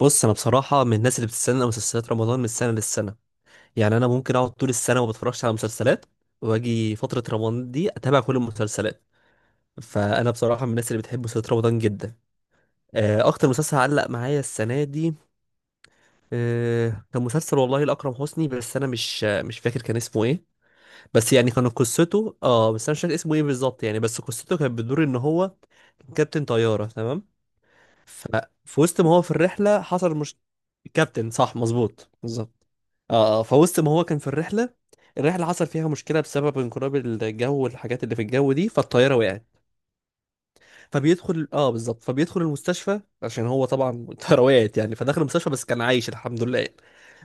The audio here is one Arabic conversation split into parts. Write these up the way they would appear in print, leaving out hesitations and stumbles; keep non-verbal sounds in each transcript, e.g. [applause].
بص انا بصراحه من الناس اللي بتستنى مسلسلات رمضان من سنه للسنه. يعني انا ممكن اقعد طول السنه ما بتفرجش على مسلسلات، واجي فتره رمضان دي اتابع كل المسلسلات. فانا بصراحه من الناس اللي بتحب مسلسلات رمضان جدا. اكتر مسلسل علق معايا السنه دي كان مسلسل والله لاكرم حسني، بس انا مش فاكر كان اسمه ايه. بس يعني كان قصته، بس انا مش فاكر اسمه ايه بالظبط يعني، بس قصته كانت بتدور ان هو كابتن طياره، تمام. ففي وسط ما هو في الرحله حصل مش كابتن، صح، مظبوط بالظبط. فوسط ما هو كان في الرحله، حصل فيها مشكله بسبب انقلاب الجو والحاجات اللي في الجو دي، فالطياره وقعت. فبيدخل بالظبط، فبيدخل المستشفى عشان هو طبعا [laughs] الطياره وقعت يعني، فدخل المستشفى بس كان عايش الحمد لله يعني.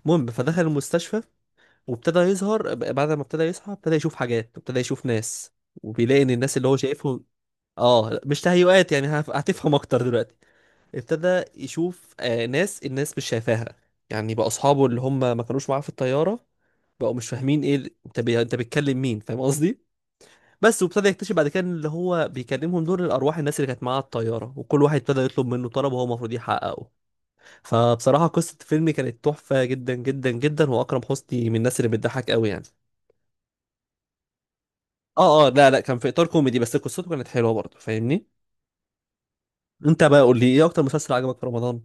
المهم فدخل المستشفى، وابتدى يظهر بعد ما ابتدى يصحى ابتدى يشوف حاجات، ابتدى يشوف ناس، وبيلاقي ان الناس اللي هو شايفهم اه مش تهيؤات يعني، هتفهم اكتر دلوقتي. ابتدى يشوف الناس مش شايفاها، يعني بقى اصحابه اللي هم ما كانوش معاه في الطياره، بقوا مش فاهمين ايه انت بتكلم مين، فاهم قصدي. بس وابتدى يكتشف بعد كده إن اللي هو بيكلمهم دول الارواح، الناس اللي كانت معاه على الطياره، وكل واحد ابتدى يطلب منه طلب وهو المفروض يحققه. فبصراحه قصه الفيلم كانت تحفه جدا جدا جدا، واكرم حسني من الناس اللي بتضحك قوي يعني. اه اه، لا لا، كان في اطار كوميدي بس قصته كانت حلوه برضه، فاهمني. انت بقى قول لي ايه اكتر مسلسل عجبك في رمضان؟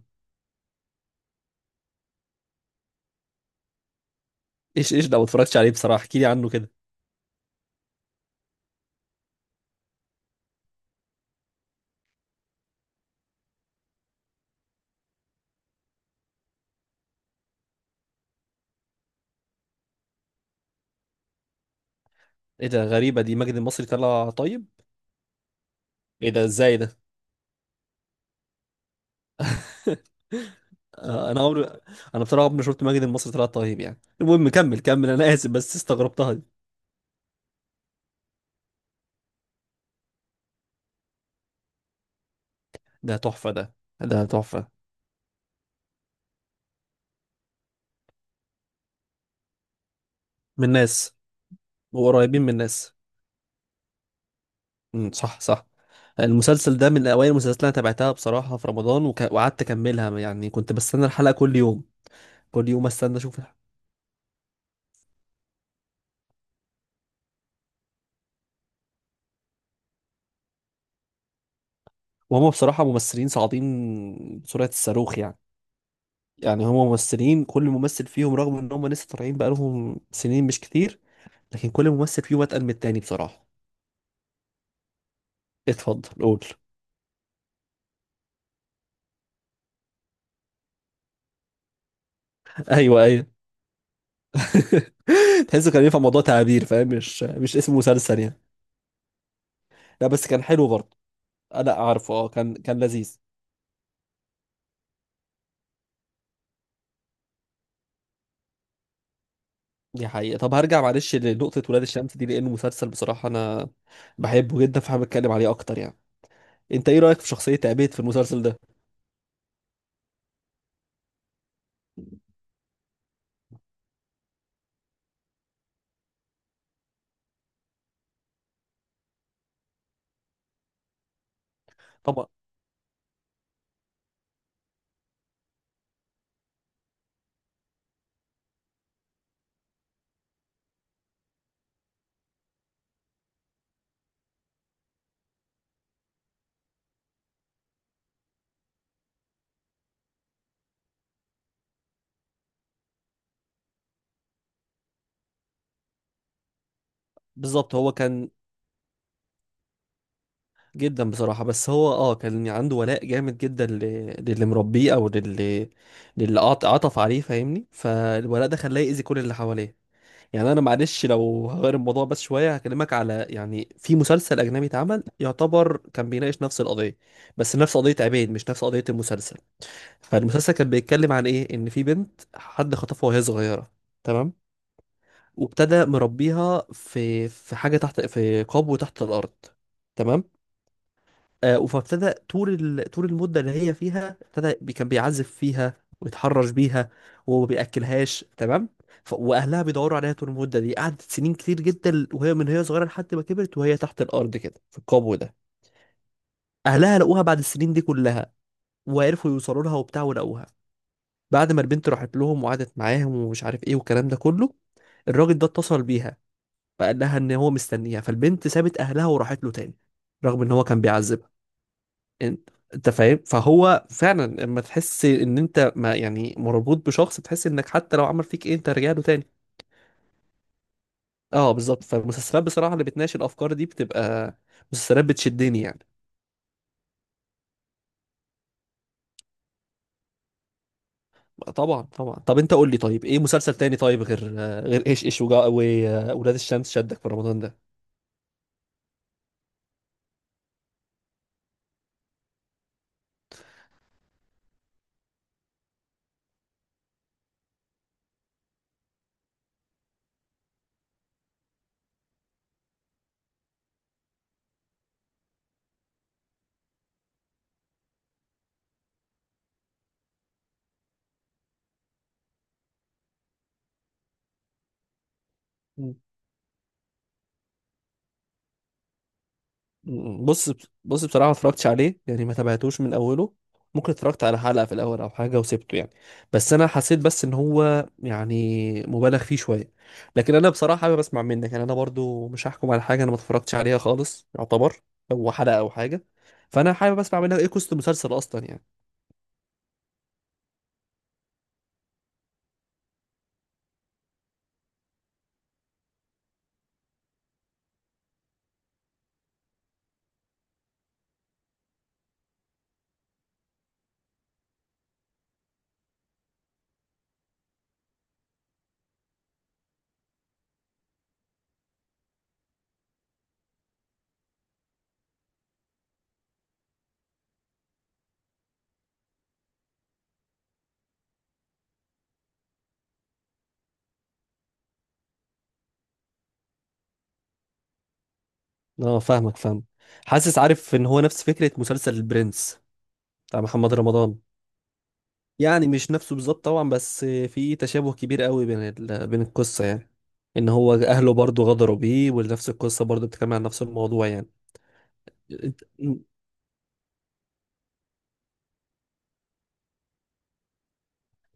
ايش ايش ده؟ ما اتفرجتش عليه بصراحه، احكي لي عنه كده. ايه ده، غريبه دي، ماجد المصري طلع طيب؟ ايه ده، ازاي ده؟ آه، انا عمري انا بصراحه عمري ما شفت ماجد المصري طلع طيب يعني. المهم كمل كمل، انا اسف بس استغربتها دي. ده تحفه ده، ده تحفه. من الناس، وقريبين من الناس. امم، صح صح. المسلسل ده من اوائل المسلسلات اللي انا تابعتها بصراحه في رمضان، وقعدت اكملها يعني، كنت بستنى الحلقه كل يوم. كل يوم استنى اشوف الحلقة. وهم بصراحه ممثلين صاعدين بسرعه الصاروخ يعني. يعني هم ممثلين، كل ممثل فيهم رغم ان هم لسه طالعين بقالهم سنين مش كتير، لكن كل ممثل فيهم اتقل من التاني بصراحه. اتفضل قول. ايوه ايوه. [laughs] تحسه كان ينفع موضوع تعابير، فاهم، مش اسم مسلسل يعني. لا بس كان حلو برضه. لا اعرفه، كان لذيذ. دي حقيقة. طب هرجع معلش لنقطة ولاد الشمس دي، لأنه مسلسل بصراحة أنا بحبه جدا، فحابب أتكلم عليه أكتر يعني. أنت إيه رأيك في شخصية عبيد في المسلسل ده؟ طبعا. بالظبط هو كان جدا بصراحة، بس هو كان عنده ولاء جامد جدا، ل... للي مربيه أو للي عطف عليه، فاهمني. فالولاء ده خلاه يأذي كل اللي حواليه. يعني انا معلش لو هغير الموضوع بس شويه، هكلمك على يعني في مسلسل اجنبي اتعمل يعتبر كان بيناقش نفس القضيه، بس نفس قضيه عبيد مش نفس قضيه المسلسل. فالمسلسل كان بيتكلم عن ايه؟ ان في بنت حد خطفها وهي صغيره، تمام، وابتدى مربيها في حاجه تحت، في قبو تحت الارض، تمام. فابتدى طول طول المده اللي هي فيها، ابتدى كان بيعزف فيها ويتحرش بيها وما بياكلهاش، تمام. واهلها بيدوروا عليها طول المده دي، قعدت سنين كتير جدا وهي، من هي صغيره لحد ما كبرت، وهي تحت الارض كده في القبو ده. اهلها لقوها بعد السنين دي كلها، وعرفوا يوصلوا لها وبتاع ولقوها. بعد ما البنت راحت لهم وقعدت معاهم ومش عارف ايه والكلام ده كله، الراجل ده اتصل بيها، فقال لها ان هو مستنيها، فالبنت سابت اهلها وراحت له تاني، رغم ان هو كان بيعذبها. انت انت فاهم؟ فهو فعلا، لما تحس ان انت، ما يعني مربوط بشخص، تحس انك حتى لو عمل فيك ايه انت رجع له تاني. اه بالظبط. فالمسلسلات بصراحه اللي بتناقش الافكار دي بتبقى مسلسلات بتشدني يعني. طبعا طبعا. طب انت قول لي، طيب ايه مسلسل تاني طيب، غير، ايش ايش واولاد الشمس، شدك في رمضان؟ ده. بص، بصراحة ما اتفرجتش عليه يعني، ما تابعتوش من أوله، ممكن اتفرجت على حلقة في الأول أو حاجة وسبته يعني. بس أنا حسيت بس إن هو يعني مبالغ فيه شوية. لكن أنا بصراحة حابب أسمع منك يعني. أنا برضو مش هحكم على حاجة أنا ما اتفرجتش عليها خالص، يعتبر هو حلقة أو حاجة. فأنا حابب أسمع منك إيه قصة المسلسل أصلا يعني. فاهمك، فاهم. حاسس عارف إن هو نفس فكرة مسلسل البرنس بتاع محمد رمضان. يعني مش نفسه بالظبط طبعا، بس في تشابه كبير قوي بين القصة يعني. ان هو اهله برضو غدروا بيه، ونفس القصة برضو بتتكلم عن نفس الموضوع يعني. انت-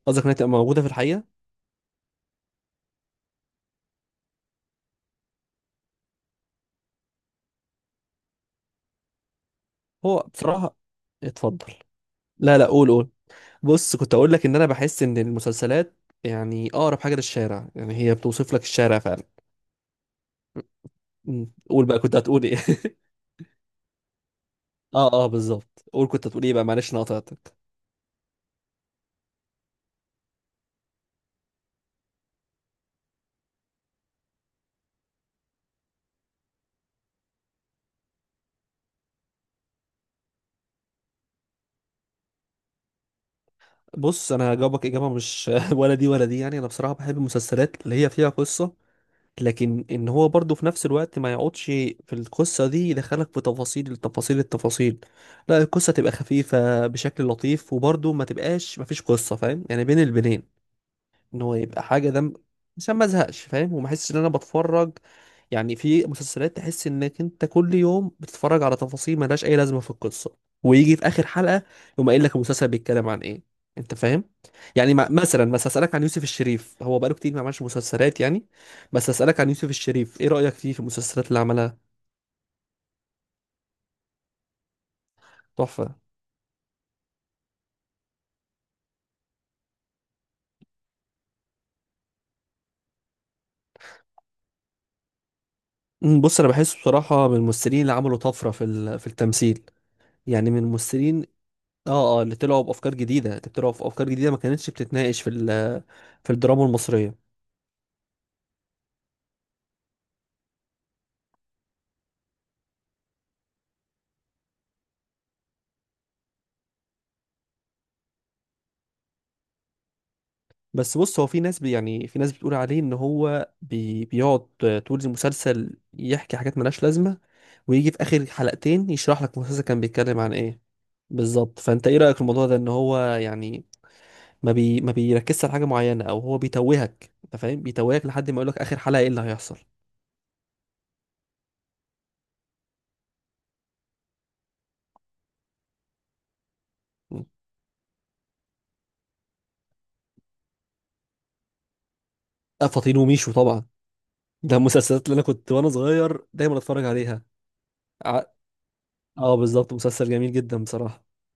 قصدك انها تبقى موجودة في الحقيقة؟ هو بصراحة، اتفضل. لا لا، قول قول. بص كنت اقول لك ان انا بحس ان المسلسلات يعني اقرب حاجة للشارع، يعني هي بتوصف لك الشارع فعلا. م. قول بقى، كنت هتقول ايه؟ [laughs] اه اه، بالظبط. قول كنت هتقول ايه بقى، معلش انا قطعتك. بص انا هجاوبك اجابه مش [laughs] ولا دي ولا دي. يعني انا بصراحه بحب المسلسلات اللي هي فيها قصه، لكن ان هو برضه في نفس الوقت ما يقعدش في القصه دي يدخلك في تفاصيل التفاصيل التفاصيل. لا، القصه تبقى خفيفه بشكل لطيف، وبرضه ما تبقاش ما فيش قصه، فاهم يعني، بين البنين. ان هو يبقى حاجه دم، عشان ما ازهقش، فاهم، وما احسش ان انا بتفرج. يعني في مسلسلات تحس انك انت كل يوم بتتفرج على تفاصيل ملهاش اي لازمه في القصه، ويجي في اخر حلقه يقوم قايل لك المسلسل بيتكلم عن ايه، انت فاهم. يعني مثلا بس اسالك عن يوسف الشريف، هو بقاله كتير ما عملش مسلسلات يعني. بس اسالك عن يوسف الشريف ايه رايك فيه في المسلسلات اللي عملها. تحفه. بص انا بحسه بصراحه من الممثلين اللي عملوا طفره في التمثيل، يعني من الممثلين. اه. اه، اللي طلعوا بافكار جديده، اللي طلعوا في افكار جديده ما كانتش بتتناقش في الدراما المصريه. بس بص هو في ناس يعني في ناس بتقول عليه ان هو بيقعد طول المسلسل يحكي حاجات ملهاش لازمه، ويجي في اخر حلقتين يشرح لك المسلسل كان بيتكلم عن ايه. بالظبط. فانت ايه رايك في الموضوع ده، ان هو يعني ما بيركزش على حاجه معينه، او هو بيتوهك، انت فاهم، بيتوهك لحد ما يقول لك اخر حلقه ايه اللي هيحصل. م. فاطين وميشو طبعا، ده المسلسلات اللي انا كنت وانا صغير دايما اتفرج عليها. اه بالظبط، مسلسل جميل جدا بصراحة.